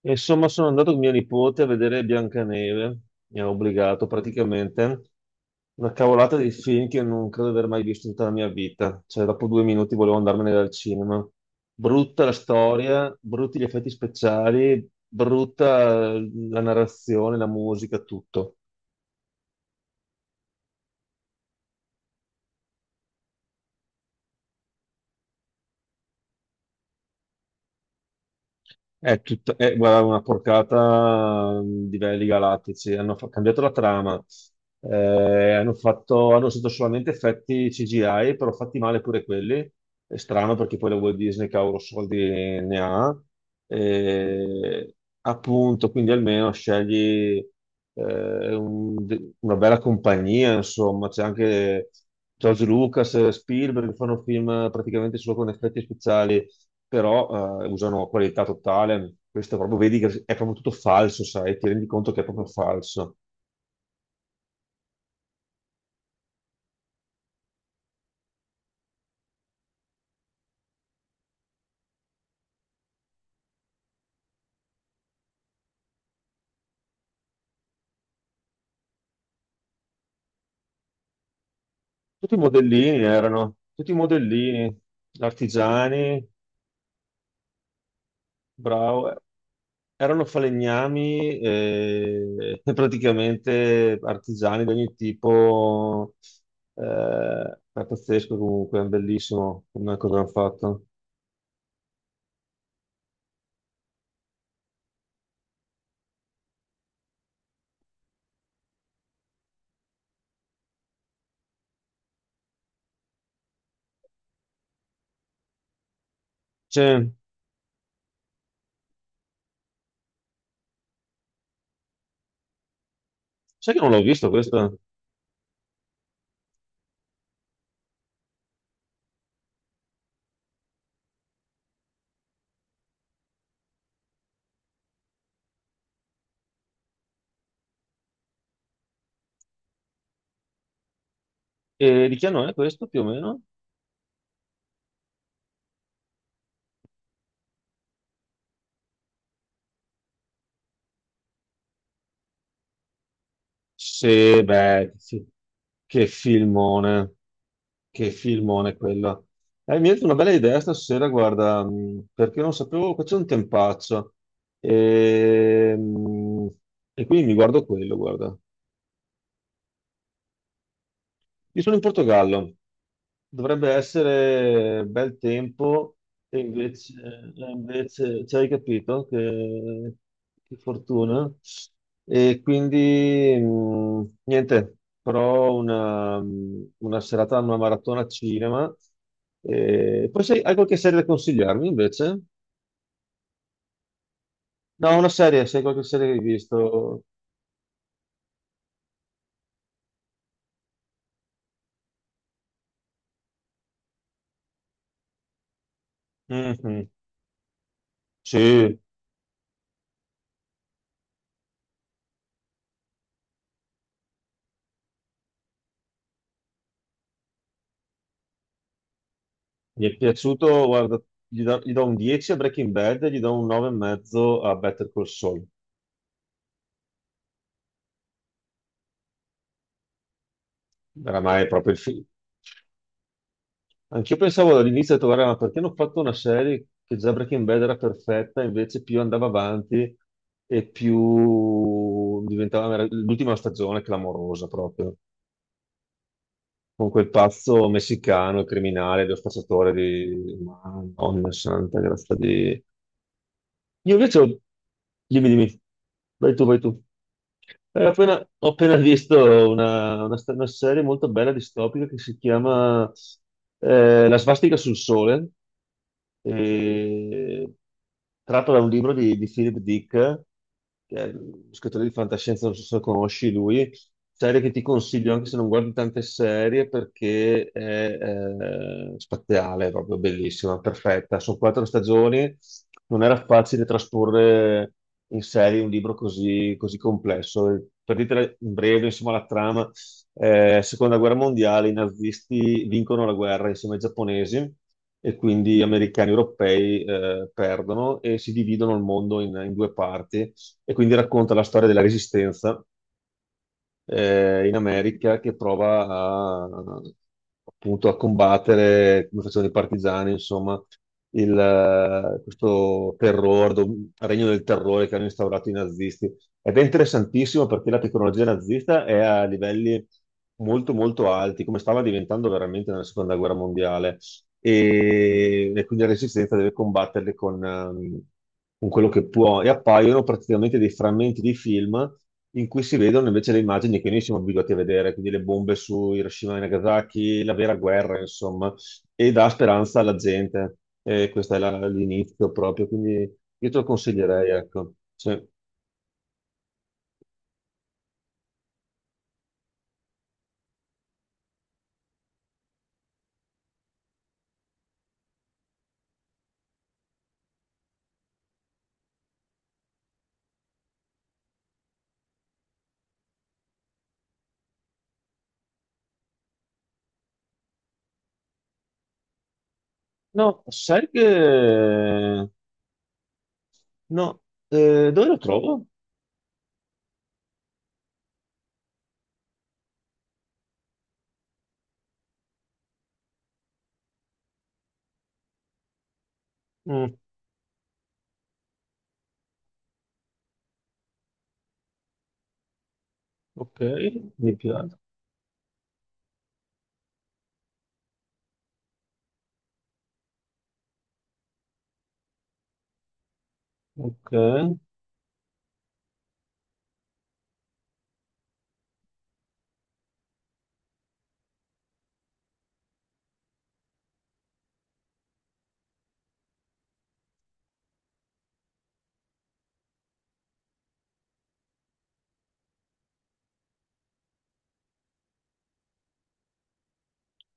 E insomma, sono andato con mia nipote a vedere Biancaneve, mi ha obbligato praticamente. Una cavolata di film che non credo di aver mai visto in tutta la mia vita. Cioè, dopo 2 minuti volevo andarmene dal cinema. Brutta la storia, brutti gli effetti speciali, brutta la narrazione, la musica, tutto. È tutta, è, guarda, una porcata di livelli galattici. Hanno cambiato la trama, hanno usato solamente effetti CGI, però fatti male pure quelli. È strano perché poi la Walt Disney, cavolo, soldi ne ha. Eh, appunto, quindi almeno scegli una bella compagnia, insomma. C'è anche George Lucas, Spielberg, che fanno film praticamente solo con effetti speciali, però usano qualità totale. Questo proprio vedi che è proprio tutto falso, sai, ti rendi conto che è proprio falso. Tutti i modellini erano artigiani, bravo, erano falegnami, e praticamente artigiani di ogni tipo. Eh, è pazzesco comunque, è bellissimo come cosa hanno fatto. Cioè, sai che non l'ho visto questo? E di che anno è questo più o meno? Sì, beh, sì. Che filmone, che filmone quello. Mi è venuta una bella idea stasera, guarda, perché non sapevo, qua c'è un tempaccio. E, mh, e quindi mi guardo quello, guarda. Io sono in Portogallo. Dovrebbe essere bel tempo e invece, hai capito? Che fortuna. E quindi niente, però una serata, una maratona cinema. E poi hai qualche serie da consigliarmi invece? No, una serie, se hai qualche serie che hai visto. Mhm. Sì, mi è piaciuto, guarda, gli do un 10 a Breaking Bad e gli do un 9,5 a Better Call Saul. Oramai è proprio il film. Anch'io pensavo all'inizio, ho detto, "Guarda, ma perché hanno fatto una serie, che già Breaking Bad era perfetta?". Invece più andava avanti e più diventava l'ultima stagione è clamorosa proprio, con quel pazzo messicano, il criminale, lo spacciatore di... Ma, Madonna santa, grazie di... Io invece ho... Dimmi, dimmi. Vai tu, vai tu. Ho appena visto una serie molto bella distopica che si chiama La svastica sul sole, eh, tratto da un libro di Philip Dick, che è uno scrittore di fantascienza, non so se lo conosci lui. Serie che ti consiglio anche se non guardi tante serie, perché è spaziale, è proprio bellissima, perfetta. Sono quattro stagioni. Non era facile trasporre in serie un libro così, così complesso. Per dirtela in breve, insomma, la trama: seconda guerra mondiale, i nazisti vincono la guerra insieme ai giapponesi, e quindi americani e europei perdono e si dividono il mondo in due parti. E quindi racconta la storia della resistenza in America, che appunto a combattere, come facevano i partigiani, insomma, questo terrore, regno del terrore che hanno instaurato i nazisti. Ed è interessantissimo perché la tecnologia nazista è a livelli molto molto alti, come stava diventando veramente nella seconda guerra mondiale. E quindi la resistenza deve combatterle con quello che può, e appaiono praticamente dei frammenti di film in cui si vedono invece le immagini che noi siamo abituati a vedere, quindi le bombe su Hiroshima e Nagasaki, la vera guerra, insomma, e dà speranza alla gente. E questo è l'inizio proprio, quindi io te lo consiglierei, ecco. Sì. No, sai che... No, dove lo trovo? Mm, ok, mi piace. Ok,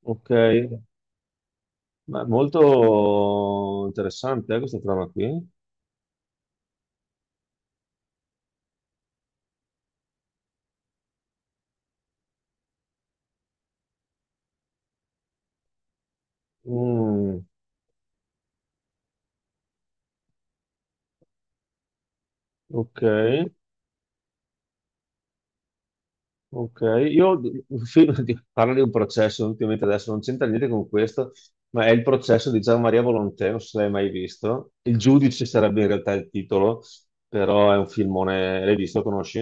ok. Beh, molto interessante, questa trama qui. Mm, ok, ok. Io parlo di un processo, ultimamente. Adesso non c'entra niente con questo, ma è il processo di Gian Maria Volontè, non so se l'hai mai visto. Il giudice sarebbe in realtà il titolo, però è un filmone. L'hai visto? Conosci?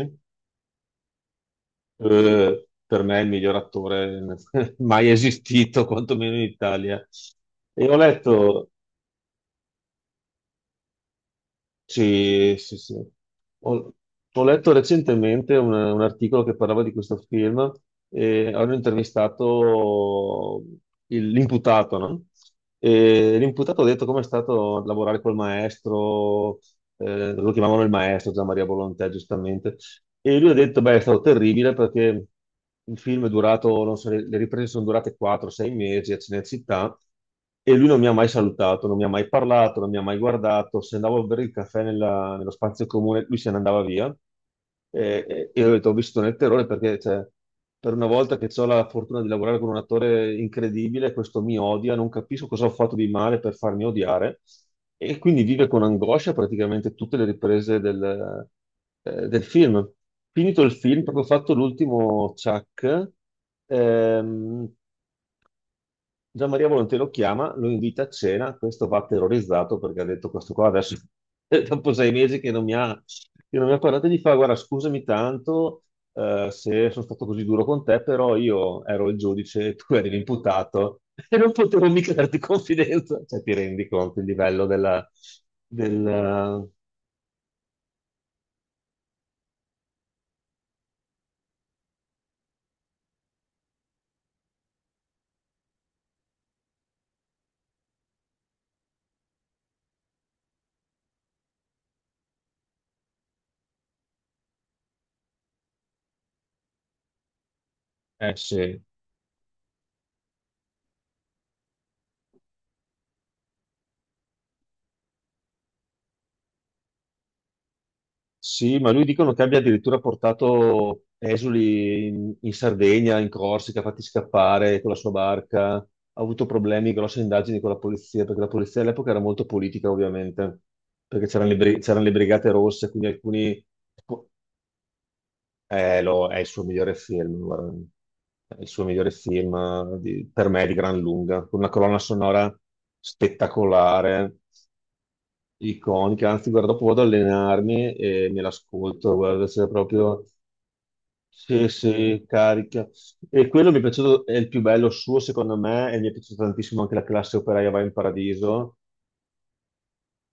Per me è il miglior attore mai esistito, quantomeno in Italia. E ho letto. Sì, sì, sì. Ho, ho letto recentemente un articolo che parlava di questo film, e hanno intervistato l'imputato, no? E l'imputato ha detto com'è stato lavorare col maestro. Lo chiamavano il maestro, Gian Maria Volontè, giustamente. E lui ha detto, beh, è stato terribile, perché il film è durato, non so, le riprese sono durate 4-6 mesi a Cinecittà, e lui non mi ha mai salutato, non mi ha mai parlato, non mi ha mai guardato. Se andavo a bere il caffè nello spazio comune, lui se ne andava via. E io ho detto, ho visto nel terrore, perché cioè, per una volta che ho la fortuna di lavorare con un attore incredibile, questo mi odia, non capisco cosa ho fatto di male per farmi odiare. E quindi vive con angoscia praticamente tutte le riprese del film. Finito il film, proprio fatto l'ultimo Chuck, ehm, Gian Maria Volonté lo chiama, lo invita a cena. Questo va terrorizzato, perché ha detto, "questo qua adesso, dopo 6 mesi che non mi ha parlato", e gli fa, "guarda, scusami tanto, se sono stato così duro con te, però io ero il giudice e tu eri l'imputato" "e non potevo mica darti confidenza". Cioè, ti rendi conto il livello della... del- sì. Sì, ma lui dicono che abbia addirittura portato esuli in Sardegna, in Corsica, fatti scappare con la sua barca. Ha avuto problemi, grosse indagini con la polizia, perché la polizia all'epoca era molto politica, ovviamente, perché c'erano c'erano le Brigate Rosse, quindi alcuni... è il suo migliore film, guarda. È il suo migliore film, per me di gran lunga, con una colonna sonora spettacolare. Iconica, anzi, guarda, dopo vado ad allenarmi e me l'ascolto, guarda, se proprio se carica. E quello mi è piaciuto, è il più bello suo, secondo me, e mi è piaciuta tantissimo anche la classe operaia va in paradiso.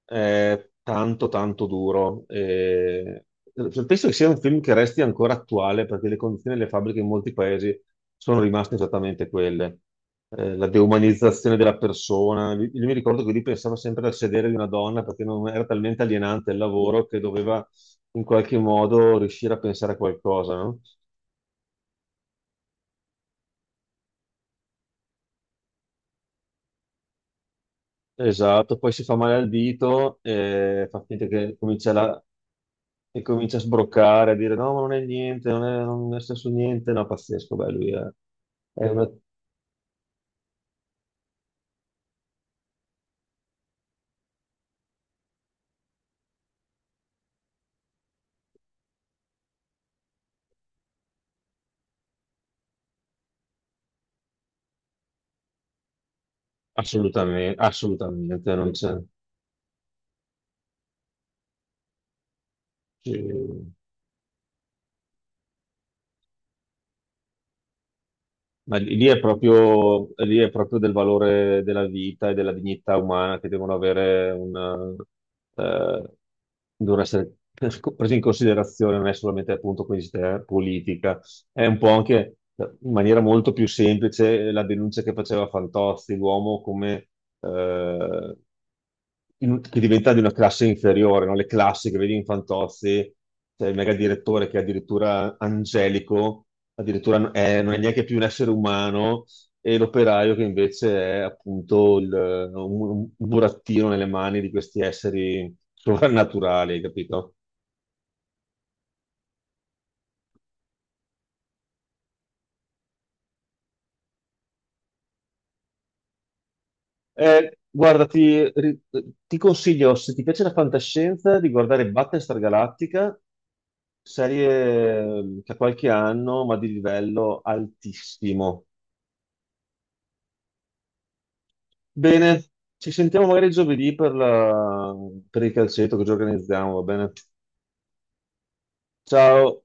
È tanto, tanto duro. Penso che sia un film che resti ancora attuale, perché le condizioni delle fabbriche in molti paesi sono rimaste esattamente quelle. La deumanizzazione della persona. Io mi ricordo che lui pensava sempre al sedere di una donna, perché non era talmente alienante il lavoro, che doveva in qualche modo riuscire a pensare a qualcosa, no? Esatto, poi si fa male al dito, fa finta che comincia e comincia a sbroccare, a dire no, ma non è niente, non è stesso niente, no, pazzesco. Beh, lui è assolutamente, assolutamente, non c'è. Sì. Ma lì lì è proprio del valore della vita e della dignità umana, che eh, devono essere presi in considerazione, non è solamente, appunto, questa politica. È un po' anche, in maniera molto più semplice, la denuncia che faceva Fantozzi, l'uomo come, eh, che diventa di una classe inferiore, no? Le classi che vedi in Fantozzi, cioè il mega direttore che è addirittura angelico, addirittura non è neanche più un essere umano, e l'operaio che invece è, appunto, un, un burattino nelle mani di questi esseri sovrannaturali, capito? Guarda, ti consiglio, se ti piace la fantascienza, di guardare Battlestar Galactica, serie, che ha qualche anno, ma di livello altissimo. Bene, ci sentiamo magari giovedì per per il calcetto che ci organizziamo, va bene? Ciao!